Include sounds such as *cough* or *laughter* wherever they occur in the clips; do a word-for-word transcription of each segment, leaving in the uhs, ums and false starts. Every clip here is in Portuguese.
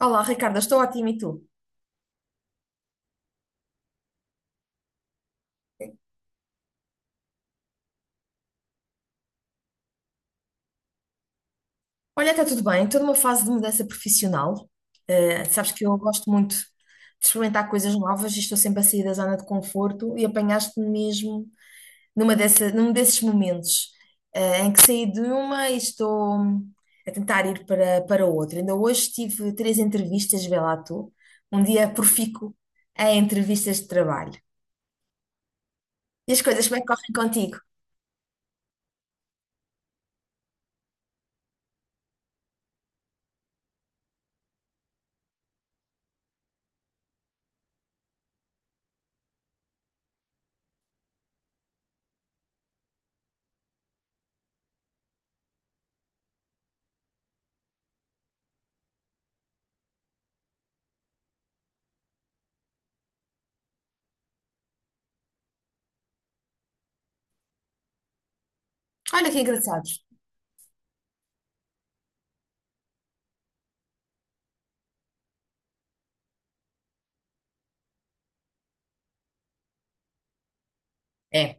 Olá, Ricardo, estou ótima e tu? Olha, está tudo bem, estou numa fase de mudança profissional. Eh, sabes que eu gosto muito de experimentar coisas novas e estou sempre a sair da zona de conforto e apanhaste-me mesmo numa dessa, num desses momentos, eh, em que saí de uma e estou a tentar ir para, para outra. Ainda hoje tive três entrevistas, vê lá tu, um dia profícuo em entrevistas de trabalho. E as coisas, como é que correm contigo? Olha que engraçados. É.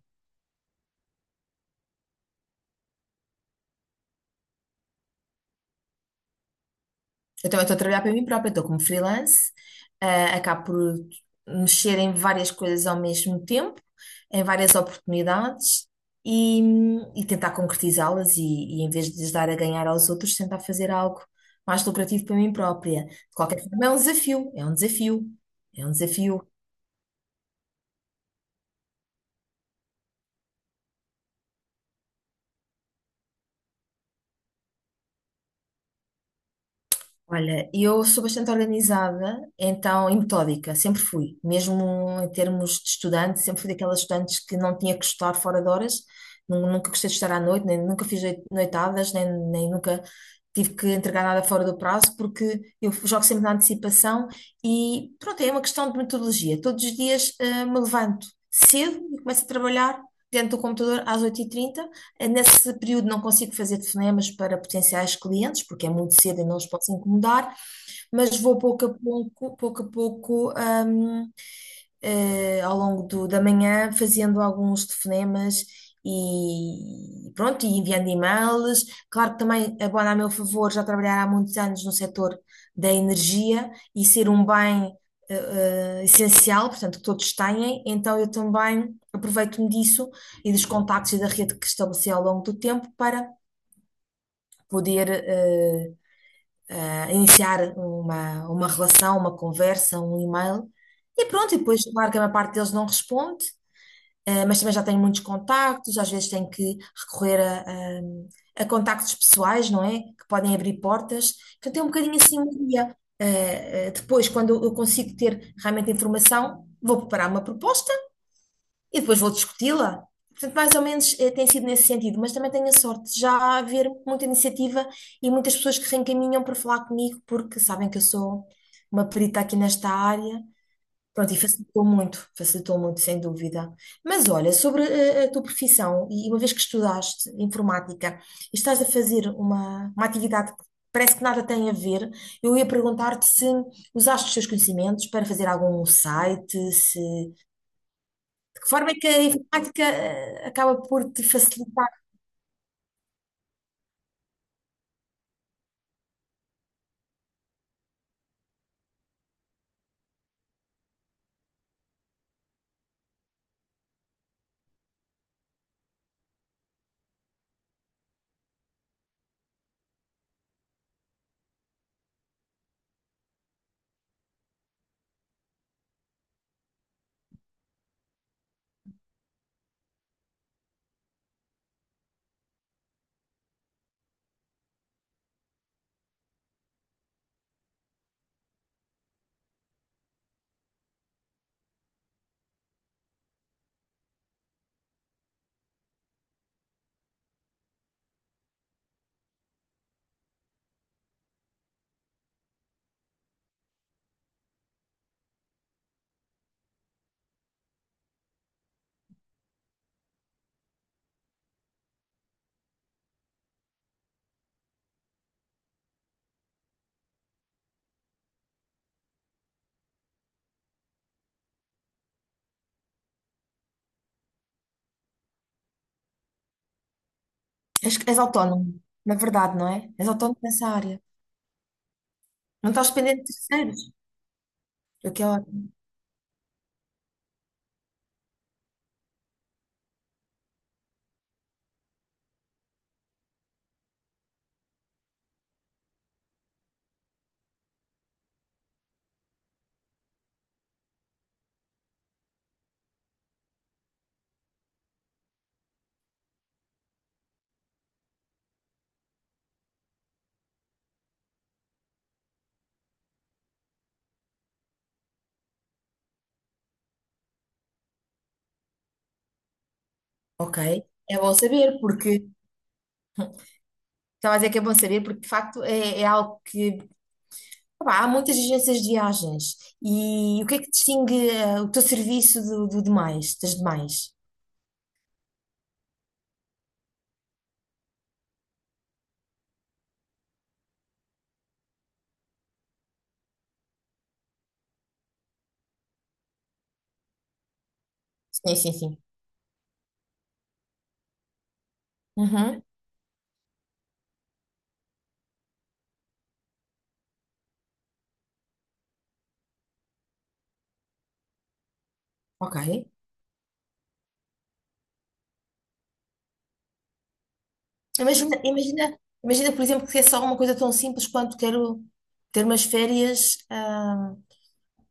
Então, eu também estou a trabalhar para mim própria, estou como freelance. Ah, acabo por mexer em várias coisas ao mesmo tempo, em várias oportunidades, e, e tentar concretizá-las, e, e em vez de lhes dar a ganhar aos outros, tentar fazer algo mais lucrativo para mim própria. De qualquer forma, é um desafio, é um desafio, é um desafio. Olha, eu sou bastante organizada, então, e metódica, sempre fui. Mesmo em termos de estudante, sempre fui daquelas estudantes que não tinha que estudar fora de horas. Nu- nunca gostei de estudar à noite, nem nunca fiz noi- noitadas, nem, nem nunca tive que entregar nada fora do prazo, porque eu jogo sempre na antecipação. E pronto, é uma questão de metodologia. Todos os dias, eh, me levanto cedo e começo a trabalhar dentro do computador às oito e trinta. Eh, Nesse período não consigo fazer telefonemas para potenciais clientes, porque é muito cedo e não os posso incomodar, mas vou pouco a pouco, pouco a pouco, hum, eh, ao longo do- da manhã, fazendo alguns telefonemas e pronto, e enviando e-mails. Claro que também abona a meu favor já trabalhar há muitos anos no setor da energia e ser um bem, eh, eh, essencial, portanto, que todos têm, então eu também aproveito-me disso e dos contactos e da rede que estabeleci ao longo do tempo para poder, eh, eh, iniciar uma, uma relação, uma conversa, um e-mail. E pronto, e depois, claro que a maior parte deles não responde, eh, mas também já tenho muitos contactos, às vezes tenho que recorrer a, a- a contactos pessoais, não é? Que podem abrir portas. Portanto, é um bocadinho assim um dia. Eh, eh, depois, quando eu consigo ter realmente informação, vou preparar uma proposta e depois vou discuti-la. Portanto, mais ou menos, eh, tem sido nesse sentido, mas também tenho a sorte de já haver muita iniciativa e muitas pessoas que reencaminham para falar comigo porque sabem que eu sou uma perita aqui nesta área. Pronto, e facilitou muito, facilitou muito, sem dúvida. Mas olha, sobre, eh, a tua profissão, e uma vez que estudaste informática e estás a fazer uma, uma atividade que parece que nada tem a ver, eu ia perguntar-te se usaste os teus conhecimentos para fazer algum site, se, de que forma é que a informática, eh, acaba por te facilitar. És, és autónomo, na verdade, não é? És autónomo nessa área. Não estás dependente de terceiros, o que é ótimo. Ok, é bom saber, porque... Então, mas é que é bom saber, porque de facto é, é algo que. Opá, há muitas agências de viagens. E o que é que distingue, eh, o teu serviço do, do demais, das demais? Sim, sim, sim. Uhum, ok. Imagina, imagina, imagina, por exemplo, que é só uma coisa tão simples quanto quero ter umas férias, ah,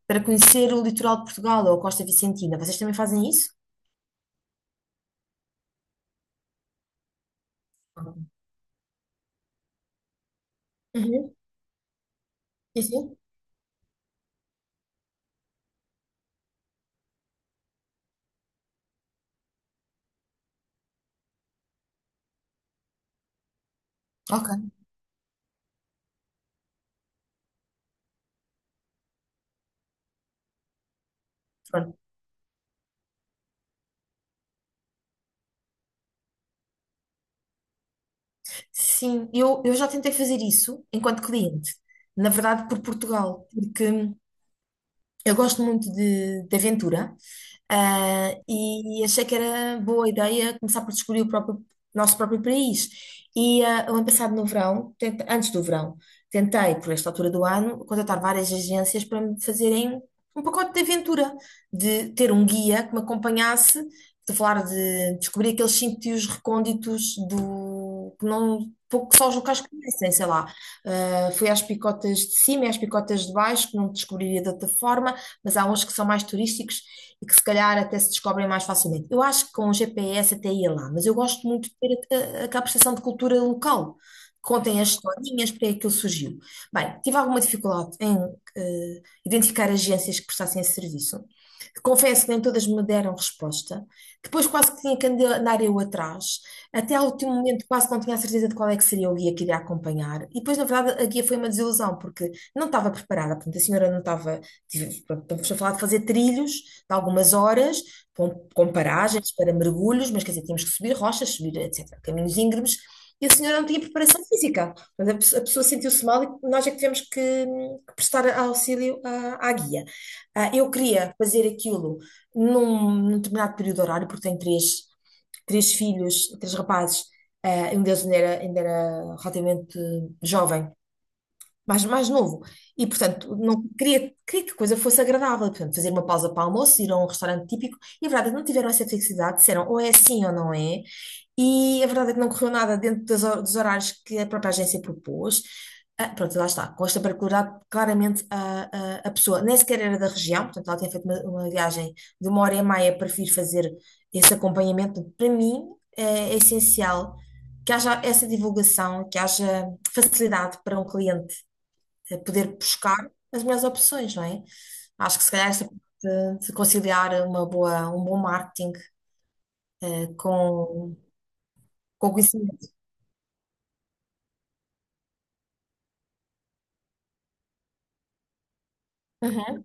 para conhecer o litoral de Portugal ou a Costa Vicentina. Vocês também fazem isso? Uhum, sim, sim. Ok, pronto. Sim, eu, eu já tentei fazer isso enquanto cliente, na verdade por Portugal, porque... Eu gosto muito de, de aventura, ah, e achei que era boa ideia começar por descobrir o próprio- nosso próprio país. E ah, o ano passado, no verão, tenta- antes do verão, tentei, por esta altura do ano, contratar várias agências para me fazerem um pacote de aventura, de ter um guia que me acompanhasse, de falar, de descobrir aqueles sítios recônditos do que não. Pouco que só os locais conhecem, sei lá. Ah, fui às picotas de cima e às picotas de baixo, que não descobriria de outra forma, mas há uns que são mais turísticos e que se calhar até se descobrem mais facilmente. Eu acho que com o G P S até ia lá, mas eu gosto muito de ter a, a, aquela percepção de cultura local. Contem as historinhas, porque é que aquilo surgiu. Bem, tive alguma dificuldade em, eh, identificar agências que prestassem esse serviço. Confesso que nem todas me deram resposta. Depois quase que tinha que andar eu atrás. Até ao último momento quase não tinha a certeza de qual é que seria o guia que iria acompanhar. E depois, na verdade, a guia foi uma desilusão, porque não estava preparada. Portanto, a senhora não estava... Tive- pronto, estamos a falar de fazer trilhos de algumas horas, com, com paragens para mergulhos, mas quer dizer, tínhamos que subir rochas, subir, etcétera, caminhos íngremes, e a senhora não tinha preparação física. Portanto, a, pessoa a pessoa sentiu-se mal e nós é que tivemos que, hum, que prestar auxílio à, à guia. Ah, eu queria fazer aquilo num, num determinado período horário, porque tenho três, três filhos, três rapazes, ah, um deles ainda era, ainda era relativamente jovem, mais, mais novo. E, portanto, não queria, queria que a coisa fosse agradável. Portanto, fazer uma pausa para almoço, ir a um restaurante típico. E a verdade é que não tiveram essa flexibilidade, disseram ou é assim ou não é. E a verdade é que não correu nada dentro das hor- dos horários que a própria agência propôs. Ah, pronto, lá está. Com esta particularidade, claramente a, a, a pessoa nem sequer era da região, portanto, ela tinha feito uma, uma viagem de uma hora e meia. Prefiro fazer esse acompanhamento. Para mim, é, é essencial que haja essa divulgação, que haja facilidade para um cliente, eh, poder buscar as melhores opções, não é? Acho que se calhar esta parte de conciliar uma boa, um bom marketing, eh, com, com conhecimento. Uhum.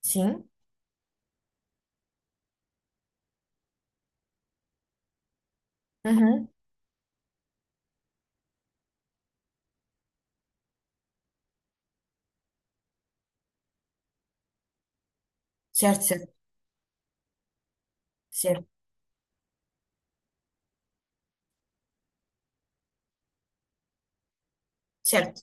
Sim, uhum. Certo, certo, certo, certo.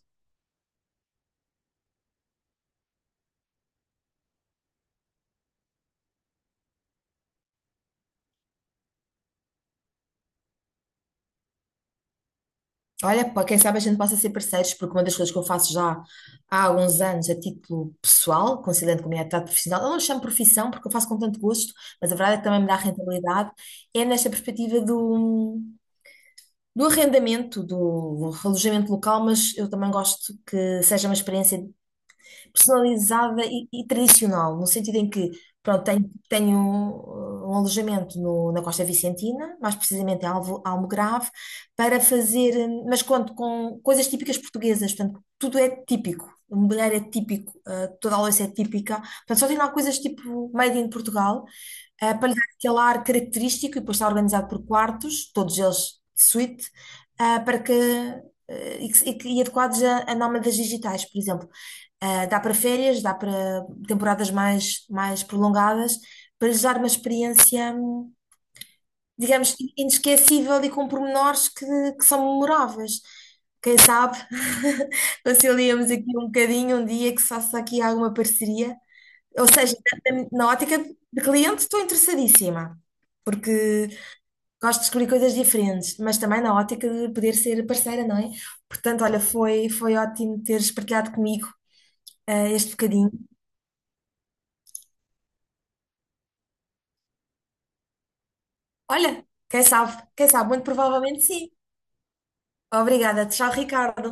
Olha, pá, quem sabe a gente possa ser parceiros, porque uma das coisas que eu faço já há alguns anos a título pessoal, conciliando com a minha atividade profissional, eu não chamo profissão porque eu faço com tanto gosto, mas a verdade é que também me dá rentabilidade, é nesta perspectiva do, do arrendamento, do alojamento local, mas eu também gosto que seja uma experiência personalizada e, e tradicional, no sentido em que, pronto, tenho, tenho um, um alojamento no- na Costa Vicentina, mais precisamente em Alvo, Almograve, para fazer, hum, mas conto com coisas típicas portuguesas, portanto, tudo é típico, o mobiliário é típico, ah, toda a louça é típica, portanto, só tem lá coisas tipo made in Portugal, ah, para lhe dar aquele ar característico, e depois está organizado por quartos, todos eles de suíte, ah, para que, eh, e, que- e que- e adequados a, a nómadas digitais, por exemplo. Ah, dá para férias, dá para temporadas mais, mais prolongadas, para lhes dar uma experiência, hum, digamos, inesquecível e com pormenores que, que são memoráveis. Quem sabe, *laughs* conciliamos aqui um bocadinho, um dia que se faça aqui alguma parceria. Ou seja, na na ótica de cliente estou interessadíssima, porque gosto de descobrir coisas diferentes, mas também na ótica de poder ser parceira, não é? Portanto, olha, foi, foi ótimo teres partilhado comigo, ah, este bocadinho. Olha, quem sabe, quem sabe, muito provavelmente sim. Obrigada, tchau, Ricardo.